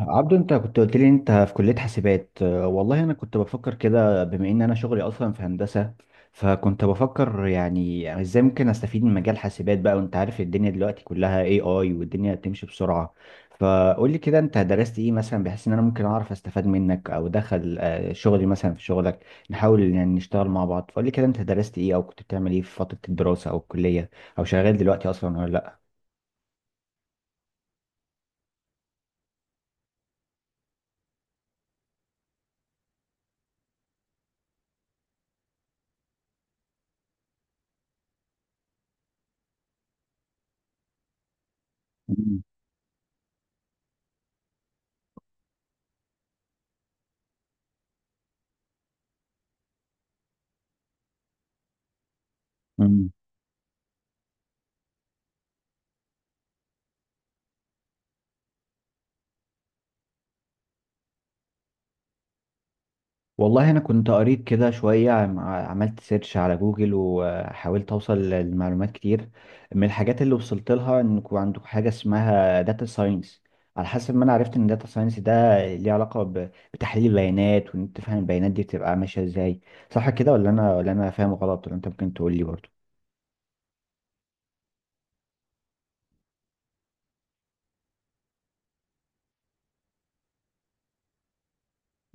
عبدو، انت كنت قلت لي انت في كلية حاسبات. اه، والله، انا كنت بفكر كده بما ان انا شغلي اصلا في هندسة. فكنت بفكر يعني ازاي ممكن استفيد من مجال حاسبات بقى، وانت عارف الدنيا دلوقتي كلها اي اي، والدنيا بتمشي بسرعة. فقول لي كده انت درست ايه مثلا، بحيث ان انا ممكن اعرف استفاد منك او دخل شغلي مثلا في شغلك. نحاول يعني نشتغل مع بعض. فقول لي كده انت درست ايه او كنت بتعمل ايه في فترة الدراسة او الكلية، او شغال دلوقتي اصلا ولا لا؟ مم. والله، انا كنت قريت كده شويه، عملت سيرش على جوجل وحاولت اوصل لمعلومات كتير. من الحاجات اللي وصلت لها انكم عندكم حاجه اسمها داتا ساينس. على حسب ما انا عرفت ان داتا ساينس ده ليه علاقه بتحليل البيانات، وان انت تفهم البيانات دي بتبقى ماشيه ازاي. صح كده، ولا انا فاهم غلط؟ ولا انت ممكن تقول لي برضه؟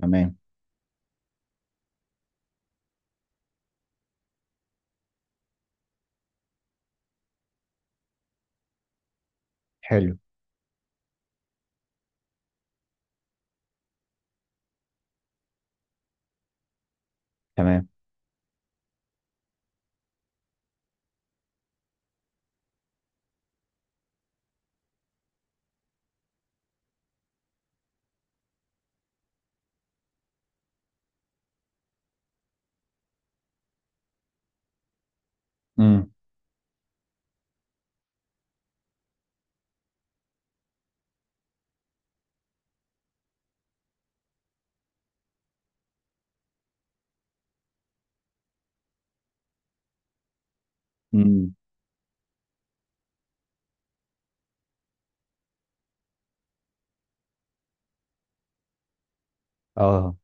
تمام. حلو. تمام. امم امم اه،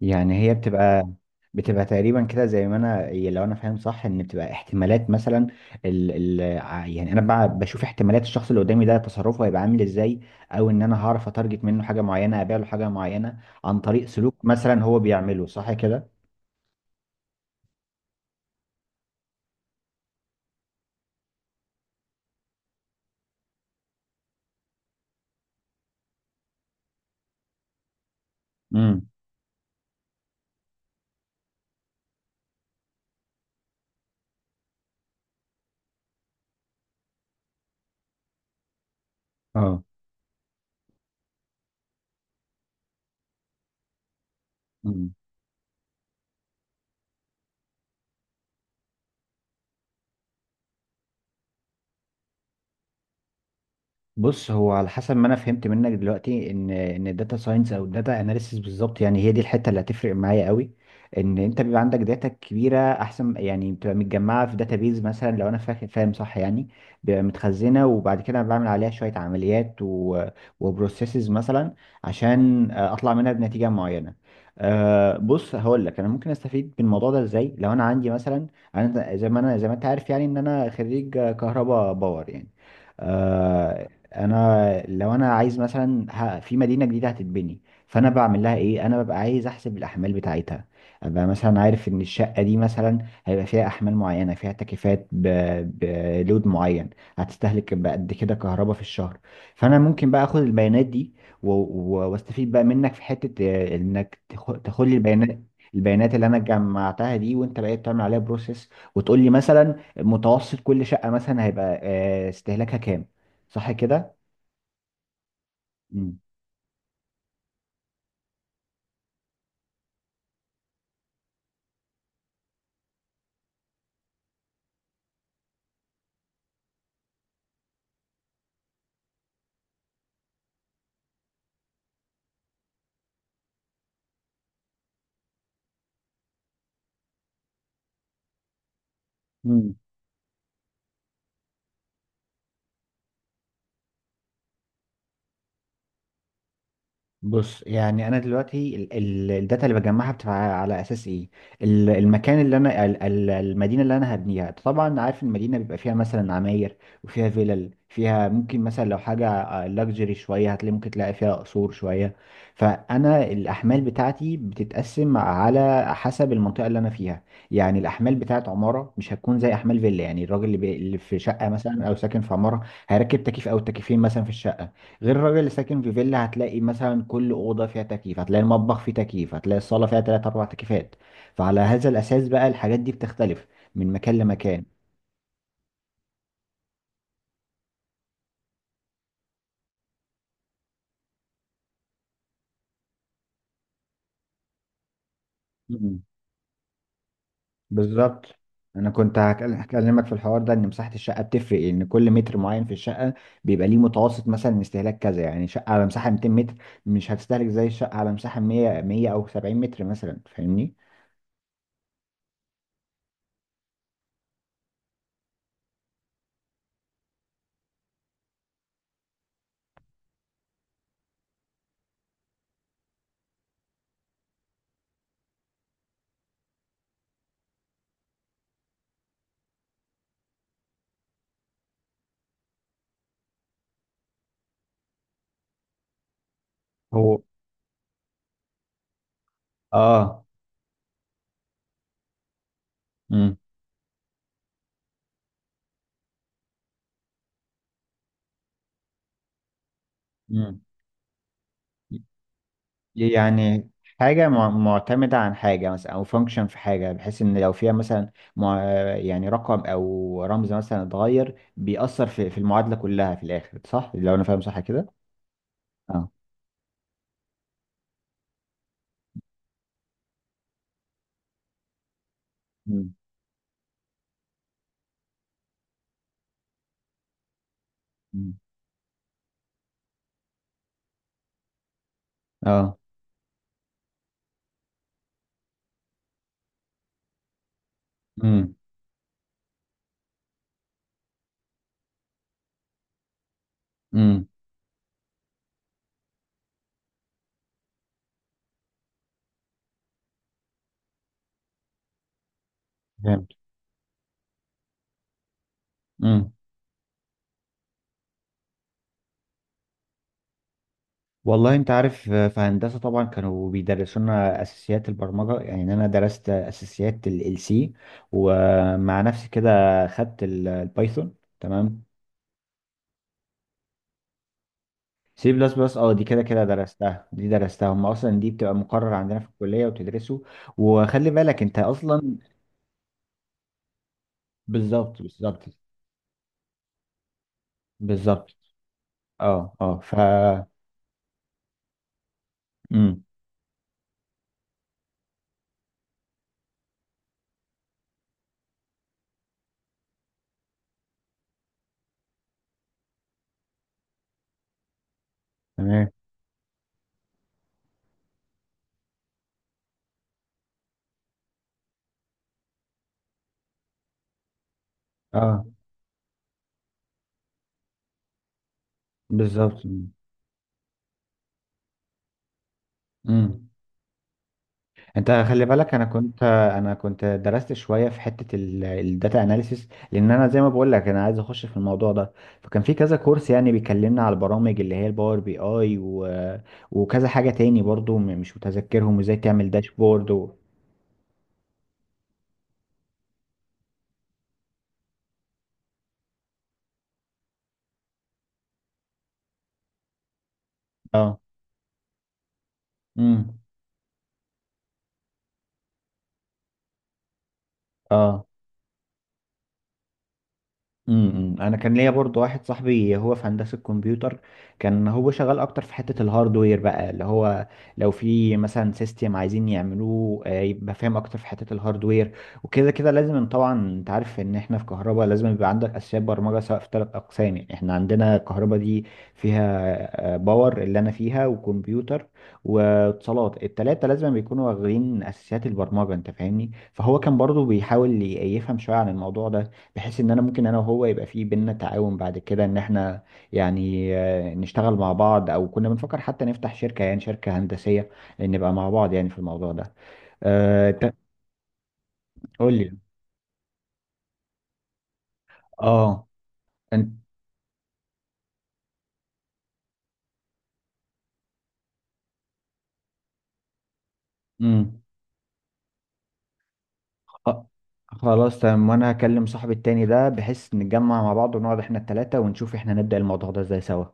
يعني هي بتبقى تقريبا كده زي ما انا، هي لو انا فاهم صح، ان بتبقى احتمالات مثلا. ال يعني انا بقى بشوف احتمالات الشخص اللي قدامي ده، تصرفه هيبقى عامل ازاي، او ان انا هعرف اتارجت منه حاجه معينه، ابيع له حاجه معينه عن طريق سلوك مثلا هو بيعمله. صح كده؟ امم اه، بص. هو على حسب ما انا فهمت منك دلوقتي ان الداتا ساينس او الداتا اناليسيس بالظبط، يعني هي دي الحته اللي هتفرق معايا قوي. ان انت بيبقى عندك داتا كبيره احسن، يعني بتبقى متجمعه في داتابيز مثلا، لو انا فاهم صح يعني. بيبقى متخزنه، وبعد كده أنا بعمل عليها شويه عمليات و... وبروسيسز مثلا، عشان اطلع منها بنتيجه معينه. أه، بص هقول لك انا ممكن استفيد من الموضوع ده ازاي. لو انا عندي مثلا، انا زي ما، انت عارف يعني ان انا خريج كهرباء باور يعني. آه، انا، لو انا عايز مثلا في مدينه جديده هتتبني، فانا بعمل لها ايه؟ انا ببقى عايز احسب الاحمال بتاعتها. ابقى مثلا عارف ان الشقه دي مثلا هيبقى فيها احمال معينه، فيها تكييفات بلود معين، هتستهلك بقد كده كهرباء في الشهر. فانا ممكن بقى اخد البيانات دي واستفيد بقى منك في حته، انك تاخد لي البيانات، البيانات اللي انا جمعتها دي، وانت بقيت تعمل عليها بروسيس. وتقول لي مثلا متوسط كل شقه مثلا هيبقى استهلاكها كام. صح كده؟ مم. مم. بص، يعني انا دلوقتي الداتا اللي بجمعها بتبقى على اساس ايه؟ المكان اللي انا، المدينه اللي انا هبنيها. طبعا عارف المدينه بيبقى فيها مثلا عماير، وفيها فيلل، فيها ممكن مثلا لو حاجه لاكجري شويه هتلاقي، ممكن تلاقي فيها قصور شويه. فانا الاحمال بتاعتي بتتقسم على حسب المنطقه اللي انا فيها. يعني الاحمال بتاعت عماره مش هتكون زي احمال فيلا. يعني الراجل اللي في شقه مثلا او ساكن في عماره هيركب تكييف او تكييفين مثلا في الشقه. غير الراجل اللي ساكن في فيلا، هتلاقي مثلا كل اوضه فيها تكييف، هتلاقي المطبخ فيه تكييف، هتلاقي الصاله فيها ثلاث اربع تكييفات. فعلى هذا الاساس بقى، الحاجات دي بتختلف من مكان لمكان. مم. بالظبط. انا كنت هكلمك في الحوار ده، ان مساحه الشقه بتفرق، ان كل متر معين في الشقه بيبقى ليه متوسط مثلا استهلاك كذا. يعني شقه على مساحه 200 متر مش هتستهلك زي الشقه على مساحه 100 100 او 70 متر مثلا. فاهمني؟ هو. اه. امم يعني حاجة معتمدة عن حاجة مثلا، أو فانكشن في حاجة، بحيث إن لو فيها مثلا يعني رقم أو رمز مثلا اتغير، بيأثر في المعادلة كلها في الآخر. صح؟ لو أنا فاهم صح كده؟ اه. مم. مم. اه. امم امم فهمت. امم والله أنت عارف، في هندسة طبعا كانوا بيدرسونا أساسيات البرمجة. يعني أنا درست أساسيات ال سي، ومع نفسي كده خدت البايثون. تمام. سي بلس بلس، اه، دي كده كده درستها. دي درستها، هم اصلا دي بتبقى مقرر عندنا في الكليه وتدرسه. وخلي بالك انت اصلا. بالظبط، بالظبط، بالظبط. اه، اه، امم. تمام. اه، بالظبط. امم. انت خلي بالك، انا كنت، انا كنت درست شويه في حته الداتا اناليسيس، لان انا زي ما بقول لك انا عايز اخش في الموضوع ده. فكان في كذا كورس يعني بيكلمنا على البرامج، اللي هي الباور بي اي و... وكذا حاجه تاني برضو، مش متذكرهم، وازاي تعمل داشبورد. اه. امم. اه. امم. امم. انا كان ليا برضو واحد صاحبي هو في هندسه كمبيوتر. كان هو شغال اكتر في حته الهاردوير بقى، اللي هو لو في مثلا سيستم عايزين يعملوه، يبقى فاهم اكتر في حته الهاردوير. وكده كده لازم، إن طبعا انت عارف ان احنا في كهرباء لازم يبقى عندك اساسيات برمجه، سواء في ثلاث اقسام. يعني احنا عندنا كهرباء دي فيها باور اللي انا فيها، وكمبيوتر، واتصالات. التلاته لازم بيكونوا واخدين اساسيات البرمجه، انت فاهمني. فهو كان برضو بيحاول يفهم شويه عن الموضوع ده، بحيث ان انا ممكن انا وهو يبقى في بينا تعاون بعد كده، ان احنا يعني نشتغل مع بعض. او كنا بنفكر حتى نفتح شركة، يعني شركة هندسية نبقى مع بعض يعني في الموضوع ده. أه، قول لي. اه. انت. مم. خ- خلاص تمام. وانا هكلم صاحبي التاني ده، بحيث نتجمع مع بعض ونقعد احنا التلاتة ونشوف احنا نبدأ الموضوع ده ازاي سوا.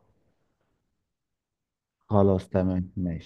خلاص تمام ماشي.